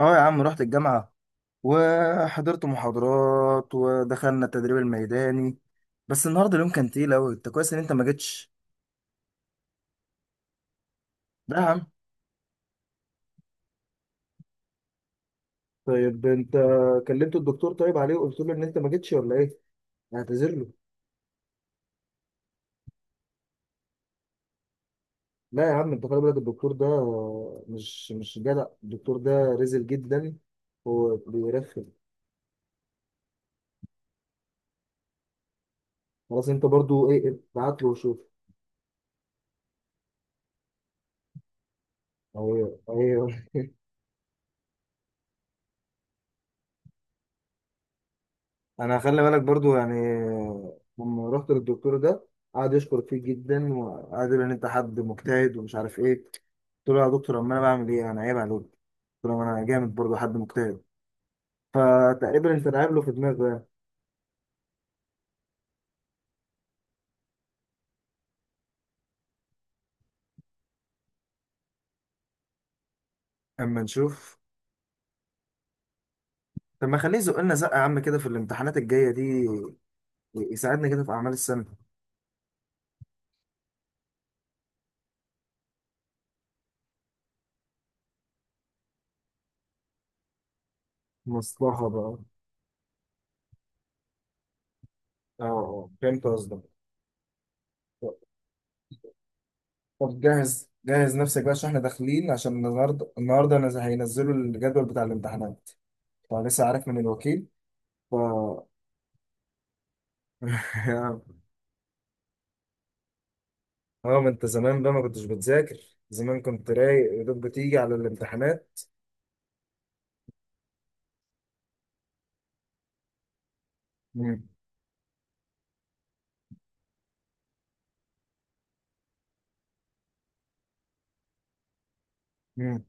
اه يا عم، رحت الجامعة وحضرت محاضرات ودخلنا التدريب الميداني. بس النهارده اليوم كان تقيل أوي. انت كويس ان انت ما جيتش. لا يا عم. طيب انت كلمت الدكتور طيب عليه وقلت له ان انت ما جيتش ولا ايه؟ اعتذر له. لا يا عم، انت خلي بالك الدكتور ده. مش جدع الدكتور ده، رزل جدا. هو بيرخم. خلاص انت برضو ايه، ابعت له وشوف. اهي اهي. انا خلي بالك برضو يعني لما رحت للدكتور ده، قعد يشكر فيه جدا وقعد يقول ان انت حد مجتهد ومش عارف ايه. قلت له يا دكتور، امال انا بعمل ايه؟ انا عيب عليك. قلت له ما انا جامد برضو حد مجتهد. فتقريبا انت لعب له في دماغه يعني. اما نشوف. طب ما خليه يزق لنا زقه يا عم كده في الامتحانات الجايه دي، يساعدنا كده في اعمال السنه. مصلحة بقى. اه اه، فهمت قصدك. طب جهز جهز نفسك بقى عشان احنا داخلين. عشان النهارده هينزلوا الجدول بتاع الامتحانات. فلسه عارف من الوكيل. ف اه ما انت زمان بقى ما كنتش بتذاكر. زمان كنت رايق، يا دوب بتيجي على الامتحانات. مم. مم.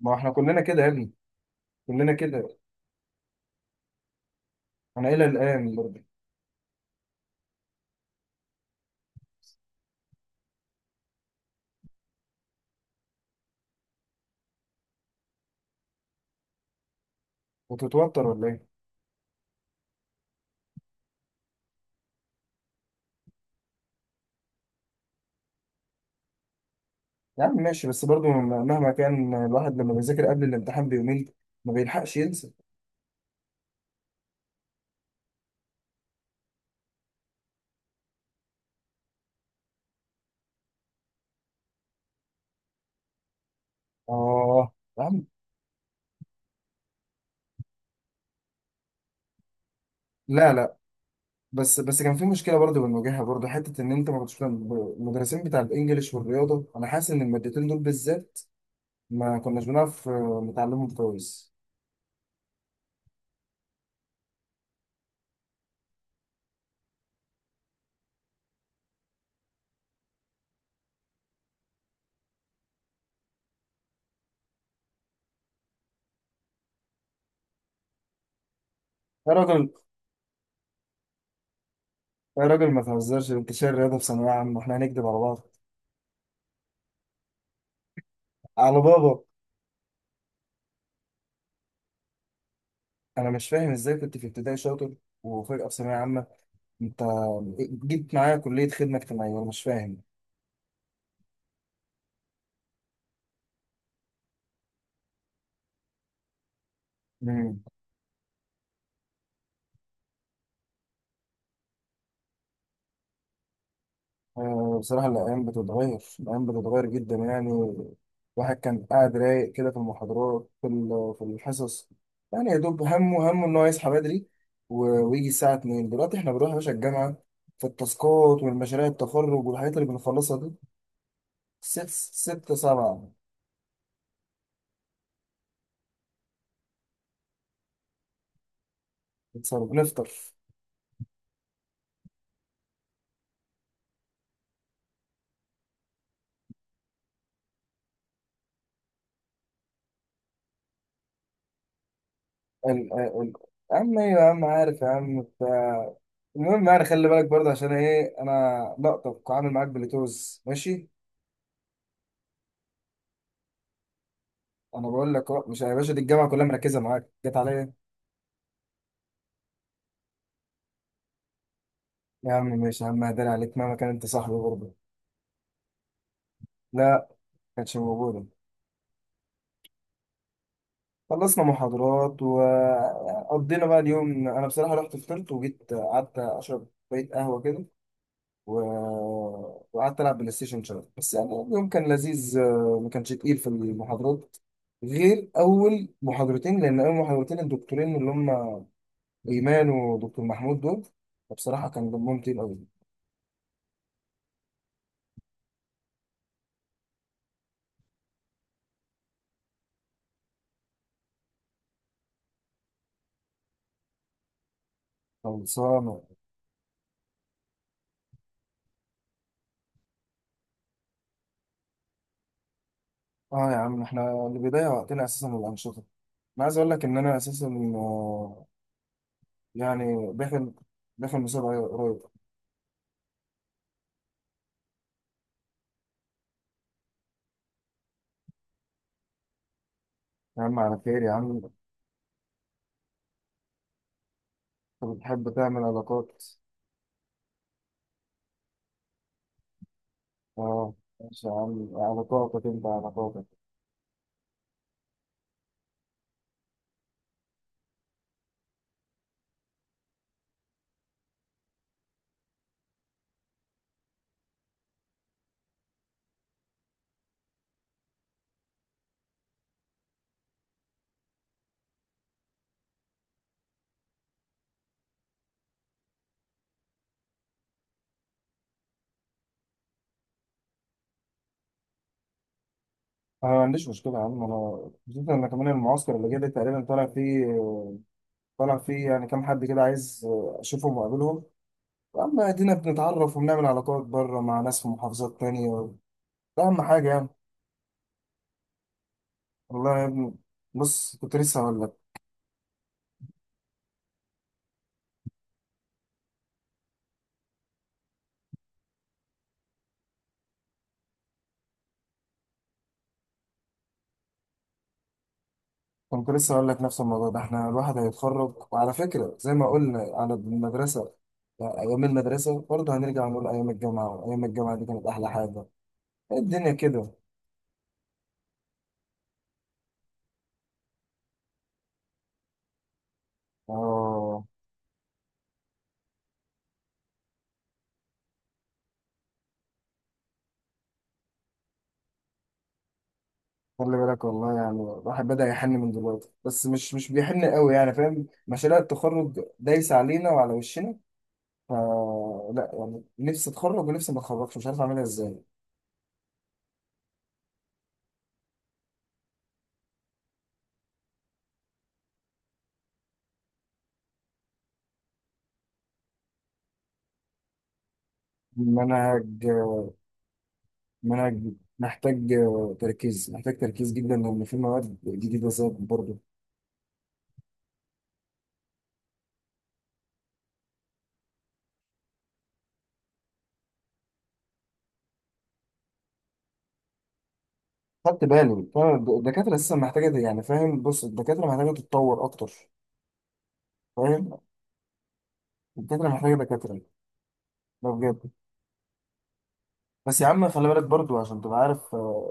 ما احنا كلنا كده يا ابني، كلنا كده. انا الى الان برضه بتتوتر ولا ايه؟ يا عم ماشي، بس برضه مهما كان الواحد لما بيذاكر قبل الامتحان بيومين ما بيلحقش ينسى. اه يا عم. لا لا. بس كان في مشكله برضه بنواجهها برضه، حته ان انت ما كنتش بتعمل- المدرسين بتاع الانجليش والرياضه، انا حاسس ان المادتين دول بالذات ما كناش بنعرف نتعلمهم كويس. يا راجل يا راجل، ما تهزرش. انتشار الرياضة في ثانوية عامة واحنا هنكدب على بعض؟ على بابا. انا مش فاهم ازاي كنت في ابتدائي شاطر وفجأة في ثانوية عامة. انت جيت معايا كلية خدمة اجتماعية، انا مش فاهم. مم. بصراحة الأيام بتتغير، الأيام بتتغير جدا يعني. الواحد كان قاعد رايق كده في المحاضرات، في الحصص. يعني يا دوب همه همه إن هو يصحى بدري ويجي الساعة 2. دلوقتي إحنا بنروح يا باشا الجامعة في التاسكات والمشاريع، التخرج والحاجات اللي بنخلصها دي. ست، ست سبعة. بنتصرف بنفطر. ال- ال- ال- أما إيه يا عم، عارف يا عم بتاع. المهم يعني خلي بالك برضه، عشان إيه؟ أنا لقطك وعامل معاك بلوتوز ماشي. انا بقول لك أهو، مش يا باشا دي الجامعه كلها مركزه معاك. جت عليا إيه؟ يا عم ماشي يا عم، هداري عليك مهما كان انت صاحبي برضه. لا، ما كانتش موجوده. خلصنا محاضرات وقضينا بقى اليوم. انا بصراحه رحت فطرت وجيت قعدت اشرب شويه قهوه كده و... وقعدت العب بلاي ستيشن شويه. بس يعني اليوم كان لذيذ، ما كانش تقيل في المحاضرات غير اول محاضرتين، لان اول محاضرتين الدكتورين اللي هم ايمان ودكتور محمود دول بصراحه كان دمهم تقيل قوي. خلصانه. اه يا عم، احنا البداية وقتنا اساسا الانشطة. انا عايز اقول لك ان انا اساسا آه، يعني داخل مسابقة قريب. يا عم على خير يا عم. انت بتحب تعمل علاقات. اه ماشي يا عم، علاقاتك انت علاقاتك. انا ما عنديش مشكلة يا عم، انا خصوصا ان كمان المعسكر اللي جاي ده تقريبا طالع فيه. طالع فيه يعني كام حد كده عايز اشوفهم واقابلهم. يا عم ادينا بنتعرف وبنعمل علاقات بره مع ناس في محافظات تانية. ده اهم حاجة يعني. والله يا ابني، بص كنت لسه هقول لك. كنت لسه أقول لك نفس الموضوع ده. إحنا الواحد هيتخرج، وعلى فكرة زي ما قلنا على المدرسة يعني أيام المدرسة، برضه هنرجع نقول أيام الجامعة. أيام الجامعة دي كانت أحلى حاجة. الدنيا كده. آه. خلي بالك والله، يعني الواحد بدأ يحن من دلوقتي بس مش بيحن قوي يعني فاهم. مشاريع التخرج دايسة علينا وعلى وشنا. ف لا يعني نفسي أتخرج ونفسي ما أتخرجش، مش عارف أعملها إزاي. المنهج منهج محتاج تركيز. محتاج تركيز جدا، لان في مواد جديده زي برضه. خدت بالي فعلا الدكاترة لسه محتاجة يعني فاهم. بص الدكاترة محتاجة تتطور أكتر، فاهم. الدكاترة محتاجة دكاترة، ده بجد. بس يا عم خلي بالك برضو عشان تبقى عارف،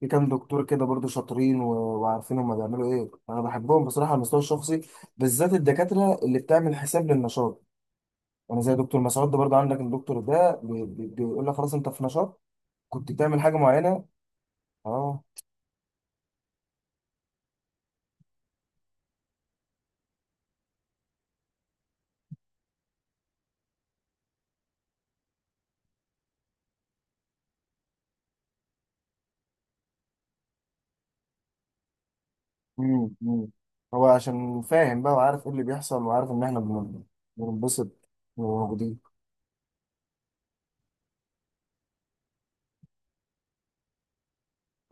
في كام دكتور كده برضو شاطرين وعارفين هما بيعملوا إيه. أنا بحبهم بصراحة على المستوى الشخصي، بالذات الدكاترة اللي بتعمل حساب للنشاط. أنا زي دكتور مسعود ده برضو عندك. الدكتور ده بيقول لك خلاص أنت في نشاط، كنت بتعمل حاجة معينة. أه. مم. مم. هو عشان فاهم بقى وعارف ايه اللي بيحصل، وعارف ان احنا بننبسط وموجودين.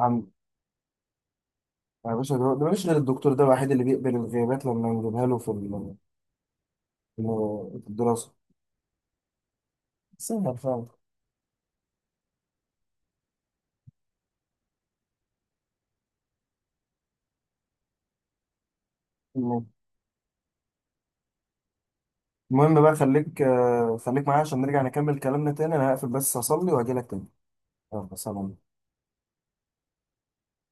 عم، يا باشا ده مش غير الدكتور ده الوحيد اللي بيقبل الغيابات لما نجيبها له في الدراسة. سهل فاهم. المهم المهم بقى خليك، خليك معايا عشان نرجع نكمل كلامنا تاني. انا هقفل بس اصلي واجي لك تاني. يلا سلام.